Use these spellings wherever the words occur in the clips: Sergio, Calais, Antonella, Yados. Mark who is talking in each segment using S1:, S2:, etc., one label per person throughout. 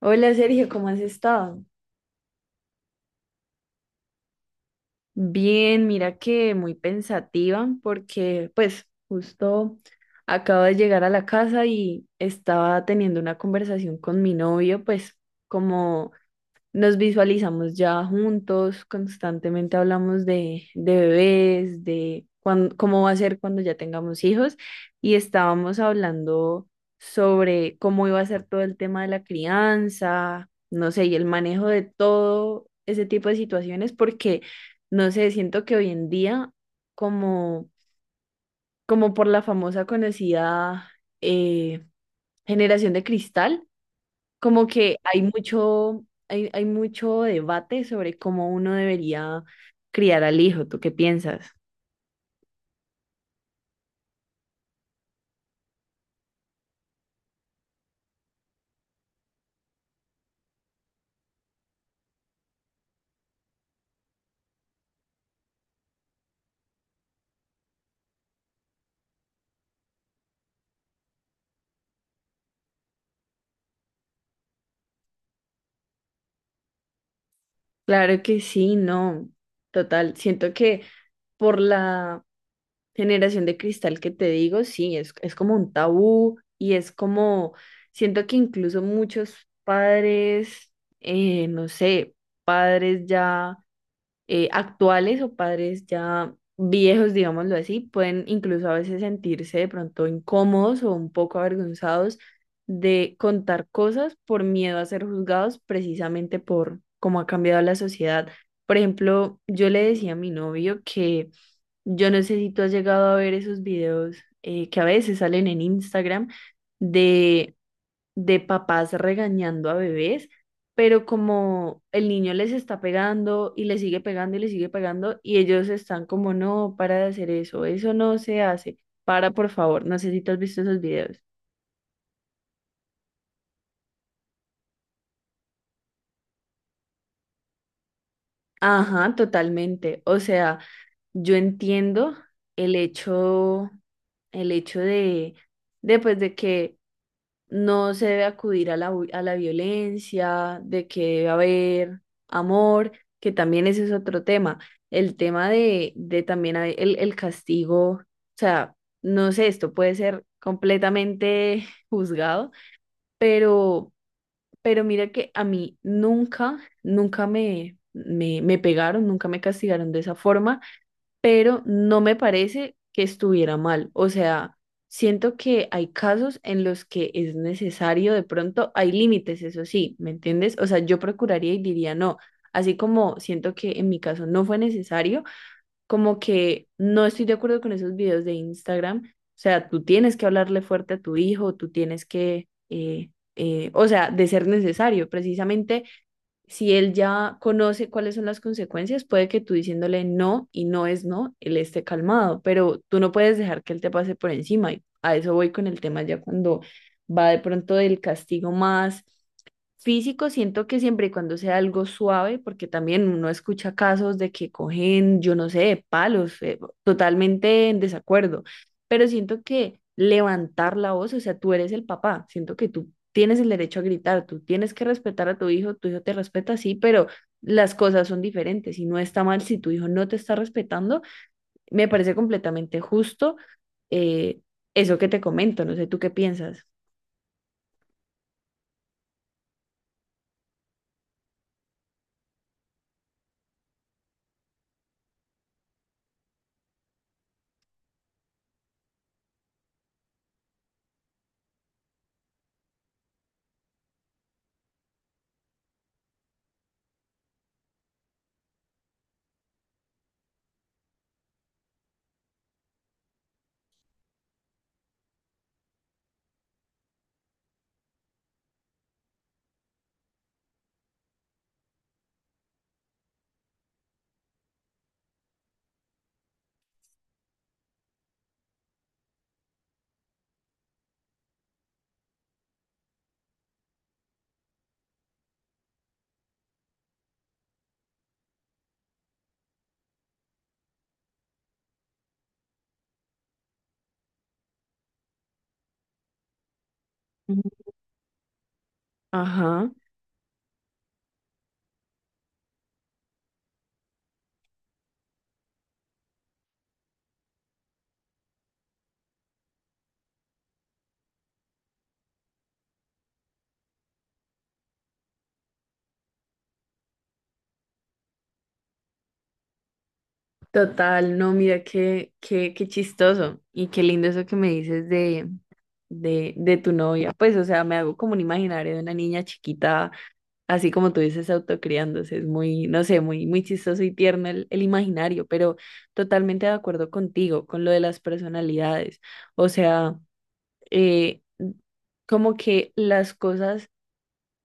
S1: Hola, Sergio, ¿cómo has estado? Bien, mira que muy pensativa porque pues justo acabo de llegar a la casa y estaba teniendo una conversación con mi novio, pues como nos visualizamos ya juntos. Constantemente hablamos de bebés, de cómo va a ser cuando ya tengamos hijos. Y estábamos hablando sobre cómo iba a ser todo el tema de la crianza, no sé, y el manejo de todo ese tipo de situaciones, porque, no sé, siento que hoy en día, como, como por la famosa conocida, eh, generación de cristal, como que hay mucho debate sobre cómo uno debería criar al hijo. ¿Tú qué piensas? Claro que sí, no. Total, siento que por la generación de cristal que te digo, sí, es como un tabú, y es como, siento que incluso muchos padres, no sé, padres ya actuales, o padres ya viejos, digámoslo así, pueden incluso a veces sentirse de pronto incómodos o un poco avergonzados de contar cosas por miedo a ser juzgados, precisamente por cómo ha cambiado la sociedad. Por ejemplo, yo le decía a mi novio que yo no sé si tú has llegado a ver esos videos que a veces salen en Instagram, de papás regañando a bebés, pero como el niño les está pegando y le sigue pegando y le sigue pegando, y ellos están como, no, para de hacer eso, eso no se hace, para, por favor. No sé si tú has visto esos videos. Ajá, totalmente. O sea, yo entiendo el hecho, el hecho pues, de que no se debe acudir a la, a la violencia, de que debe haber amor, que también ese es otro tema. El tema de, también hay el castigo, o sea, no sé, esto puede ser completamente juzgado, pero, mira que a mí nunca me pegaron, nunca me castigaron de esa forma, pero no me parece que estuviera mal. O sea, siento que hay casos en los que es necesario, de pronto hay límites, eso sí, ¿me entiendes? O sea, yo procuraría y diría no. Así como siento que en mi caso no fue necesario, como que no estoy de acuerdo con esos videos de Instagram. O sea, tú tienes que hablarle fuerte a tu hijo, tú tienes que, o sea, de ser necesario, precisamente si él ya conoce cuáles son las consecuencias, puede que tú diciéndole no y no es no, él esté calmado, pero tú no puedes dejar que él te pase por encima. Y a eso voy con el tema ya cuando va de pronto del castigo más físico. Siento que siempre y cuando sea algo suave, porque también uno escucha casos de que cogen, yo no sé, palos, totalmente en desacuerdo, pero siento que levantar la voz, o sea, tú eres el papá, siento que tú tienes el derecho a gritar, tú tienes que respetar a tu hijo te respeta, sí, pero las cosas son diferentes, y no está mal si tu hijo no te está respetando. Me parece completamente justo eh, eso que te comento, no sé. ¿Tú qué piensas? Ujú. Ajá. Total, no, mira qué chistoso y qué lindo eso que me dices de, de tu novia. Pues, o sea, me hago como un imaginario de una niña chiquita, así como tú dices, autocriándose. Es muy, no sé, muy, muy chistoso y tierno el imaginario, pero totalmente de acuerdo contigo, con lo de las personalidades. O sea, eh, como que las cosas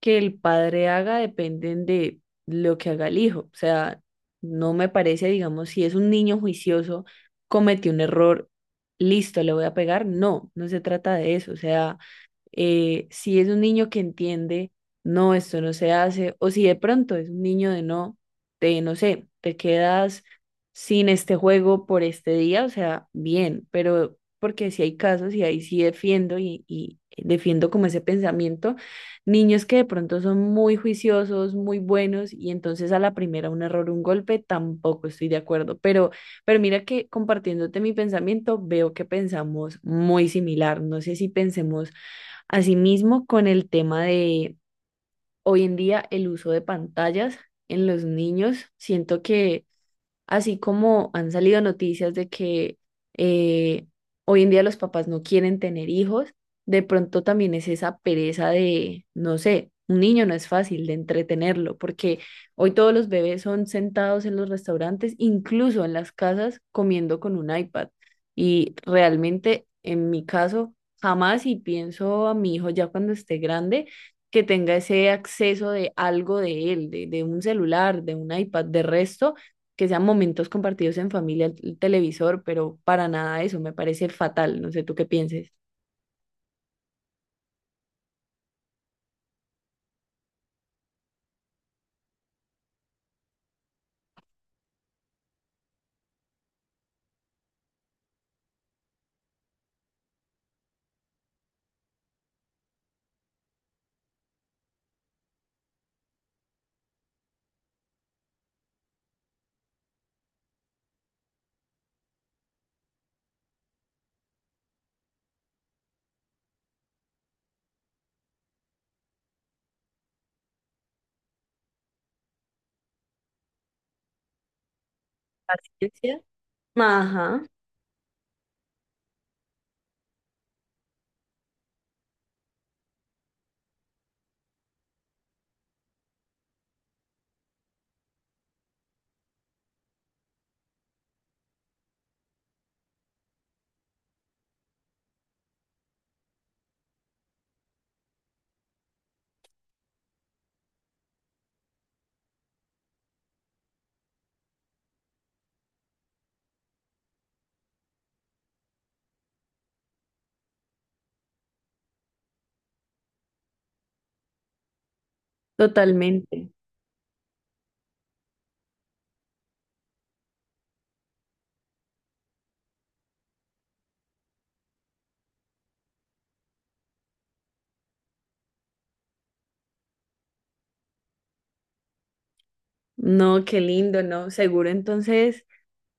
S1: que el padre haga dependen de lo que haga el hijo. O sea, no me parece, digamos, si es un niño juicioso, cometió un error, listo, le voy a pegar. No, no se trata de eso. O sea, si es un niño que entiende, no, esto no se hace, o si de pronto es un niño de no sé, te quedas sin este juego por este día, o sea, bien, pero porque si hay casos, y ahí sí defiendo y defiendo como ese pensamiento. Niños que de pronto son muy juiciosos, muy buenos, y entonces a la primera un error, un golpe, tampoco estoy de acuerdo, pero, mira que compartiéndote mi pensamiento, veo que pensamos muy similar, no sé si pensemos asimismo, con el tema de hoy en día el uso de pantallas en los niños. Siento que así como han salido noticias de que eh, hoy en día los papás no quieren tener hijos, de pronto también es esa pereza de, no sé, un niño no es fácil de entretenerlo, porque hoy todos los bebés son sentados en los restaurantes, incluso en las casas, comiendo con un iPad. Y realmente, en mi caso, jamás, y pienso a mi hijo ya cuando esté grande, que tenga ese acceso de algo de él, de, un celular, de un iPad. De resto, que sean momentos compartidos en familia, el televisor, pero para nada eso, me parece fatal. No sé tú qué pienses. Paciencia. Ajá, totalmente. No, qué lindo, ¿no? Seguro entonces,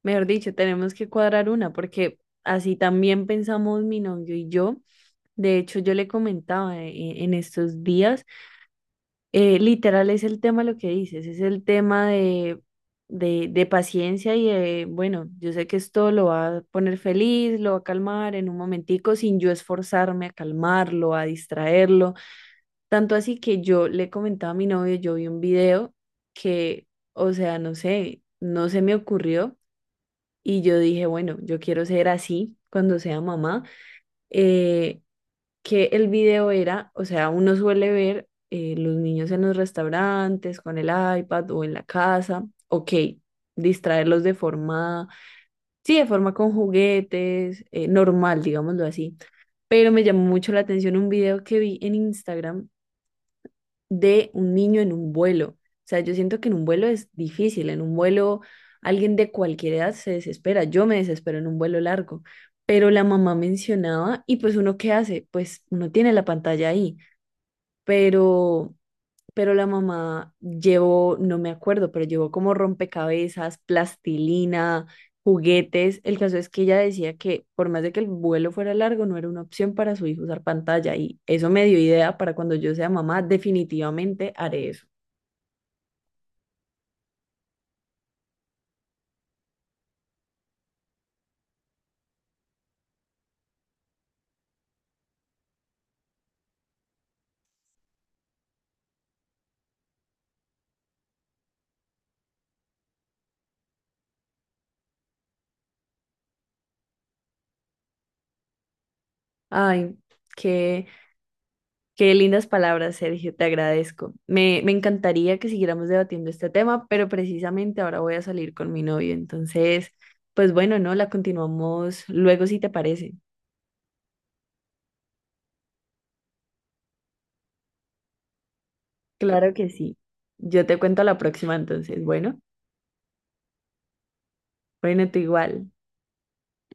S1: mejor dicho, tenemos que cuadrar una, porque así también pensamos mi novio y yo. De hecho, yo le comentaba en estos días. Literal es el tema lo que dices, es el tema de, paciencia, y de, bueno, yo sé que esto lo va a poner feliz, lo va a calmar en un momentico sin yo esforzarme a calmarlo, a distraerlo. Tanto así que yo le comentaba a mi novio, yo vi un video que, o sea, no sé, no se me ocurrió, y yo dije, bueno, yo quiero ser así cuando sea mamá. Eh, que el video era, o sea, uno suele ver los niños en los restaurantes, con el iPad o en la casa, ok, distraerlos de forma, sí, de forma con juguetes, normal, digámoslo así, pero me llamó mucho la atención un video que vi en Instagram de un niño en un vuelo. O sea, yo siento que en un vuelo es difícil, en un vuelo alguien de cualquier edad se desespera, yo me desespero en un vuelo largo, pero la mamá mencionaba y pues uno qué hace, pues uno tiene la pantalla ahí, pero, la mamá llevó, no me acuerdo, pero llevó como rompecabezas, plastilina, juguetes. El caso es que ella decía que por más de que el vuelo fuera largo, no era una opción para su hijo usar pantalla, y eso me dio idea para cuando yo sea mamá, definitivamente haré eso. Ay, qué, qué lindas palabras, Sergio, te agradezco. Me encantaría que siguiéramos debatiendo este tema, pero precisamente ahora voy a salir con mi novio, entonces. Pues bueno, no, la continuamos luego si te parece. Claro que sí. Yo te cuento la próxima entonces. Bueno, bueno, tú igual.